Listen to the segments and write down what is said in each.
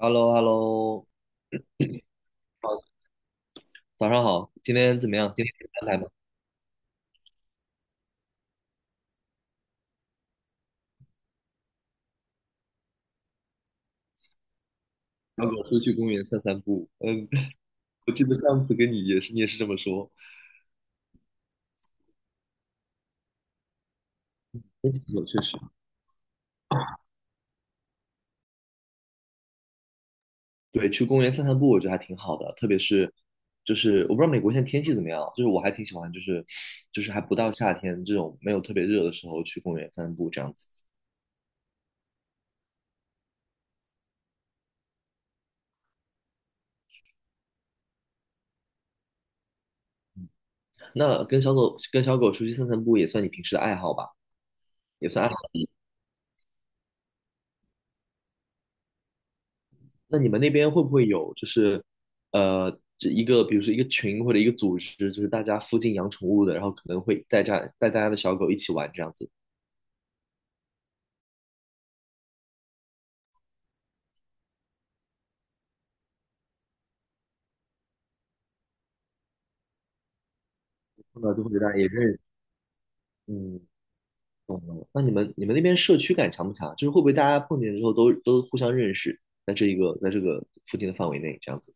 h e l l o h e l l o 好，早上好，今天怎么样？今天有安排吗？小狗出去公园散散步。嗯，我记得上次跟你也是，你也是这么说。天气不错，确实。对，去公园散散步，我觉得还挺好的，特别是就是我不知道美国现在天气怎么样，就是我还挺喜欢，就是还不到夏天这种没有特别热的时候去公园散散步这样子。那跟小狗出去散散步也算你平时的爱好吧？也算。那你们那边会不会有就是呃，这一个比如说一个群或者一个组织，就是大家附近养宠物的，然后可能会带大家的小狗一起玩这样子，碰到就会大家也认识。嗯，懂了。那你们那边社区感强不强？就是会不会大家碰见之后都互相认识，在这个附近的范围内这样子？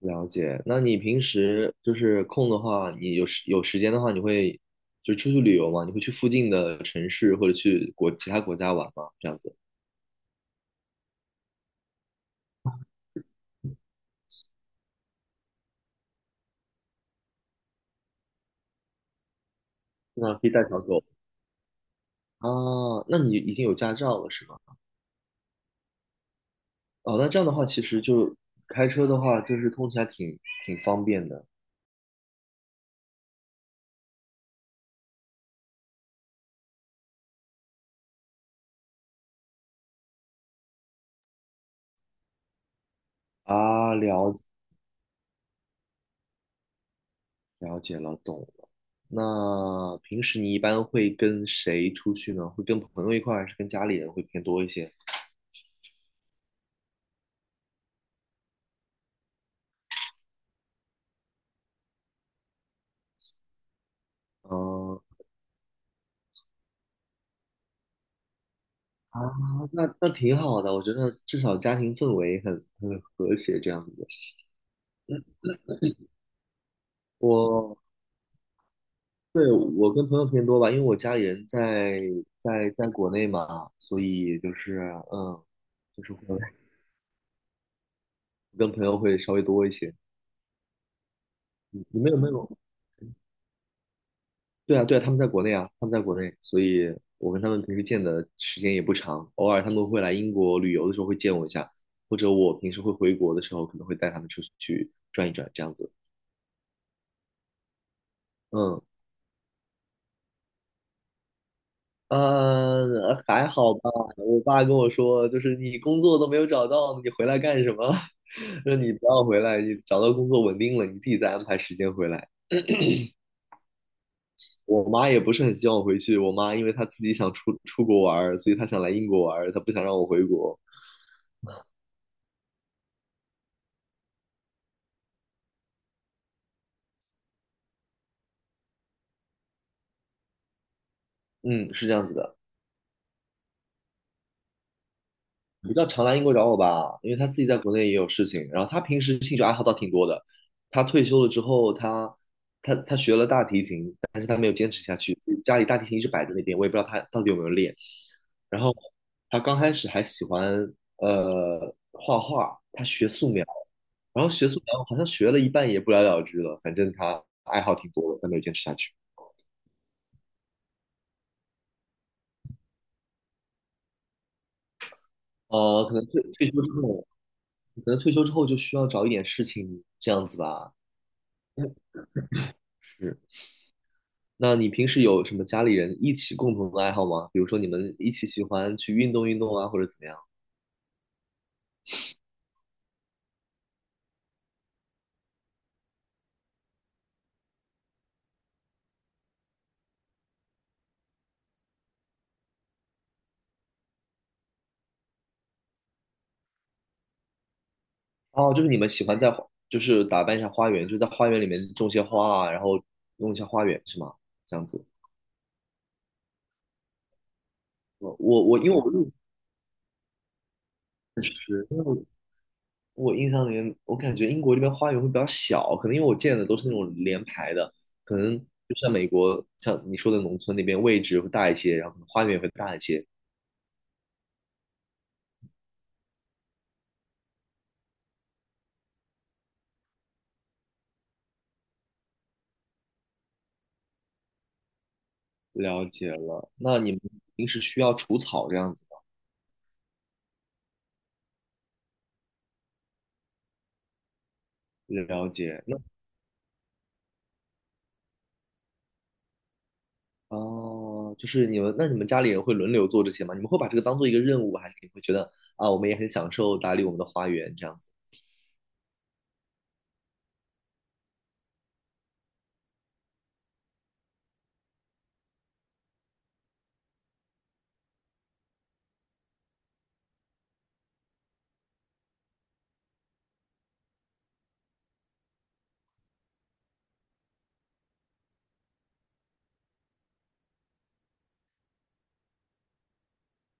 了解。那你平时就是空的话，你有时间的话，你会就是出去旅游吗？你会去附近的城市或者去其他国家玩吗？这样子？那可以带小狗。啊，那你已经有驾照了是吗？哦，那这样的话，其实就开车的话，就是通勤还挺方便的啊。了解了解了，懂了。那平时你一般会跟谁出去呢？会跟朋友一块儿，还是跟家里人会偏多一些？嗯啊，那挺好的，我觉得至少家庭氛围很和谐这样子。我对，我跟朋友偏多吧，因为我家里人在国内嘛，所以就是会。跟朋友会稍微多一些。你们有没有？对啊，对啊，他们在国内啊，他们在国内，所以我跟他们平时见的时间也不长，偶尔他们会来英国旅游的时候会见我一下，或者我平时会回国的时候可能会带他们出去转一转这样子。嗯，还好吧。我爸跟我说，就是你工作都没有找到，你回来干什么？说你不要回来，你找到工作稳定了，你自己再安排时间回来。我妈也不是很希望我回去。我妈因为她自己想出国玩儿，所以她想来英国玩儿，她不想让我回国。嗯，是这样子的。你到常来英国找我吧，因为他自己在国内也有事情。然后他平时兴趣爱好倒挺多的。他退休了之后，他学了大提琴，但是他没有坚持下去，所以家里大提琴一直摆在那边，我也不知道他到底有没有练。然后他刚开始还喜欢画画，他学素描，然后学素描好像学了一半也不了了之了，反正他爱好挺多的，但没有坚持下去。可能退休之后，可能退休之后就需要找一点事情这样子吧。是。那你平时有什么家里人一起共同的爱好吗？比如说你们一起喜欢去运动运动啊，或者怎么样？哦，就是你们喜欢就是打扮一下花园，就在花园里面种些花啊，然后弄一下花园是吗？这样子。我我我因为我入识，因为我我印象里面，我感觉英国这边花园会比较小，可能因为我见的都是那种连排的，可能就像美国，像你说的农村那边位置会大一些，然后可能花园也会大一些。了解了，那你们平时需要除草这样子吗？了解，那哦，就是你们，那你们，家里人会轮流做这些吗？你们会把这个当做一个任务，还是你会觉得啊，我们也很享受打理我们的花园这样子？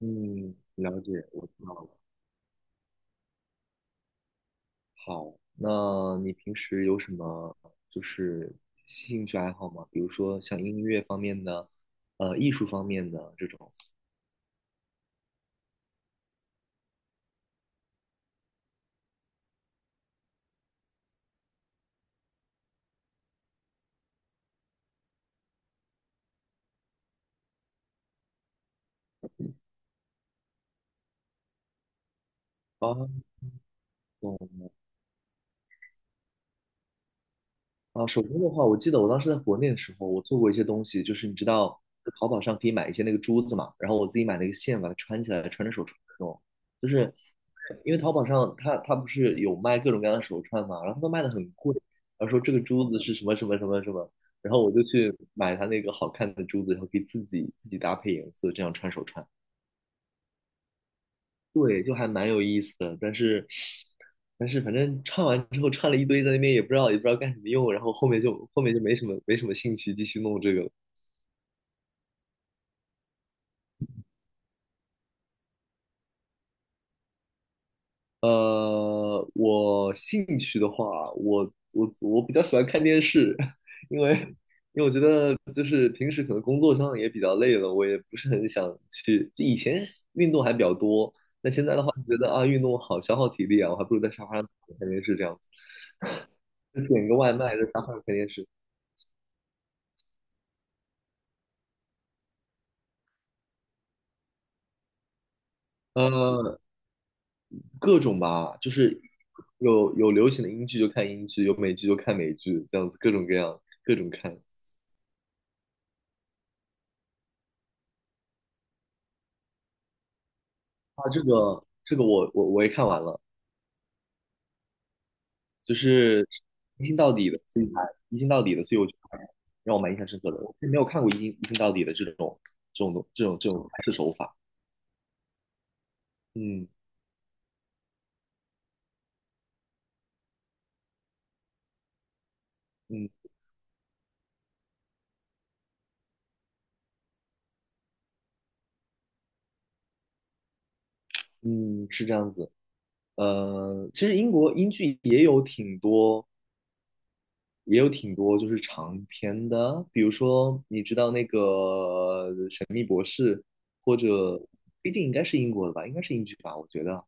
嗯，了解，我知道了。好，那你平时有什么就是兴趣爱好吗？比如说像音乐方面的，艺术方面的这种。哦，啊，手工的话，我记得我当时在国内的时候，我做过一些东西，就是你知道淘宝上可以买一些那个珠子嘛，然后我自己买了一个线，把它穿起来，穿着手串那种，就是因为淘宝上它不是有卖各种各样的手串嘛，然后他们卖的很贵，然后说这个珠子是什么什么什么什么，然后我就去买它那个好看的珠子，然后可以自己搭配颜色，这样穿手串。对，就还蛮有意思的，但是反正唱完之后唱了一堆，在那边也不知道干什么用，然后后面就没什么兴趣继续弄这个了。我兴趣的话，我比较喜欢看电视，因为就是平时可能工作上也比较累了，我也不是很想去。就以前运动还比较多，那现在的话觉得啊，运动好消耗体力啊，我还不如在沙发上躺着看电视这样子，就点个外卖在沙发上看电视。呃，各种吧，就是有流行的英剧就看英剧，有美剧就看美剧，这样子各种各样各种看啊。这个我也看完了，就是一镜到底的，所以才一镜到底的，所以我觉得让我蛮印象深刻的。我是没有看过一镜到底的这种这种拍摄手法。嗯嗯嗯，是这样子。其实英剧也有挺多。也有挺多就是长篇的啊，比如说你知道那个神秘博士》，或者《黑镜》应该是英国的吧，应该是英剧吧，我觉得啊，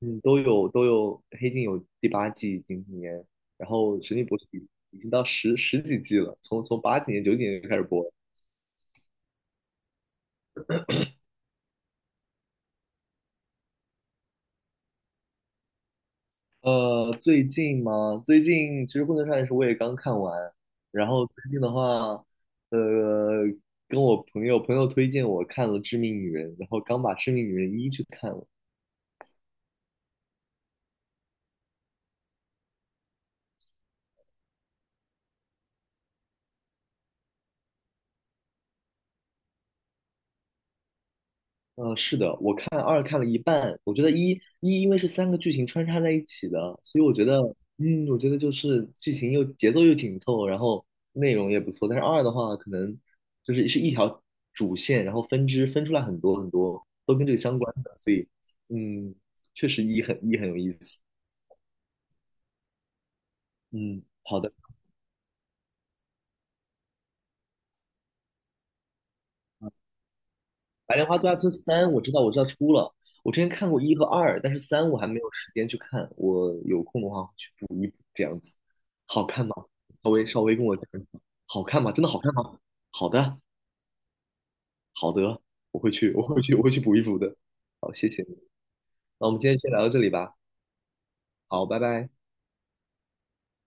嗯，都有都有，《黑镜》有第八季今年，然后《神秘博士》已经到十几季了，从八几年九几年就开始播了。最近其实《混沌少年时》我也刚看完，然后最近的话，呃，跟我朋友推荐我看了《致命女人》，然后刚把《致命女人一》去看了。是的，我看二看了一半，我觉得一因为是三个剧情穿插在一起的，所以我觉得就是剧情又节奏又紧凑，然后内容也不错。但是二的话，可能是一条主线，然后分支分出来很多很多，都跟这个相关的，所以，嗯，确实一很有意思。嗯，好的。白莲花度假村三》，我知道，我知道出了。我之前看过一和二，但是三我还没有时间去看。我有空的话会去补一补，这样子。好看吗？稍微稍微跟我讲一讲，好看吗？真的好看吗？好的，好的，我会去补一补的。好，谢谢你。那我们今天先聊到这里吧。好，拜拜。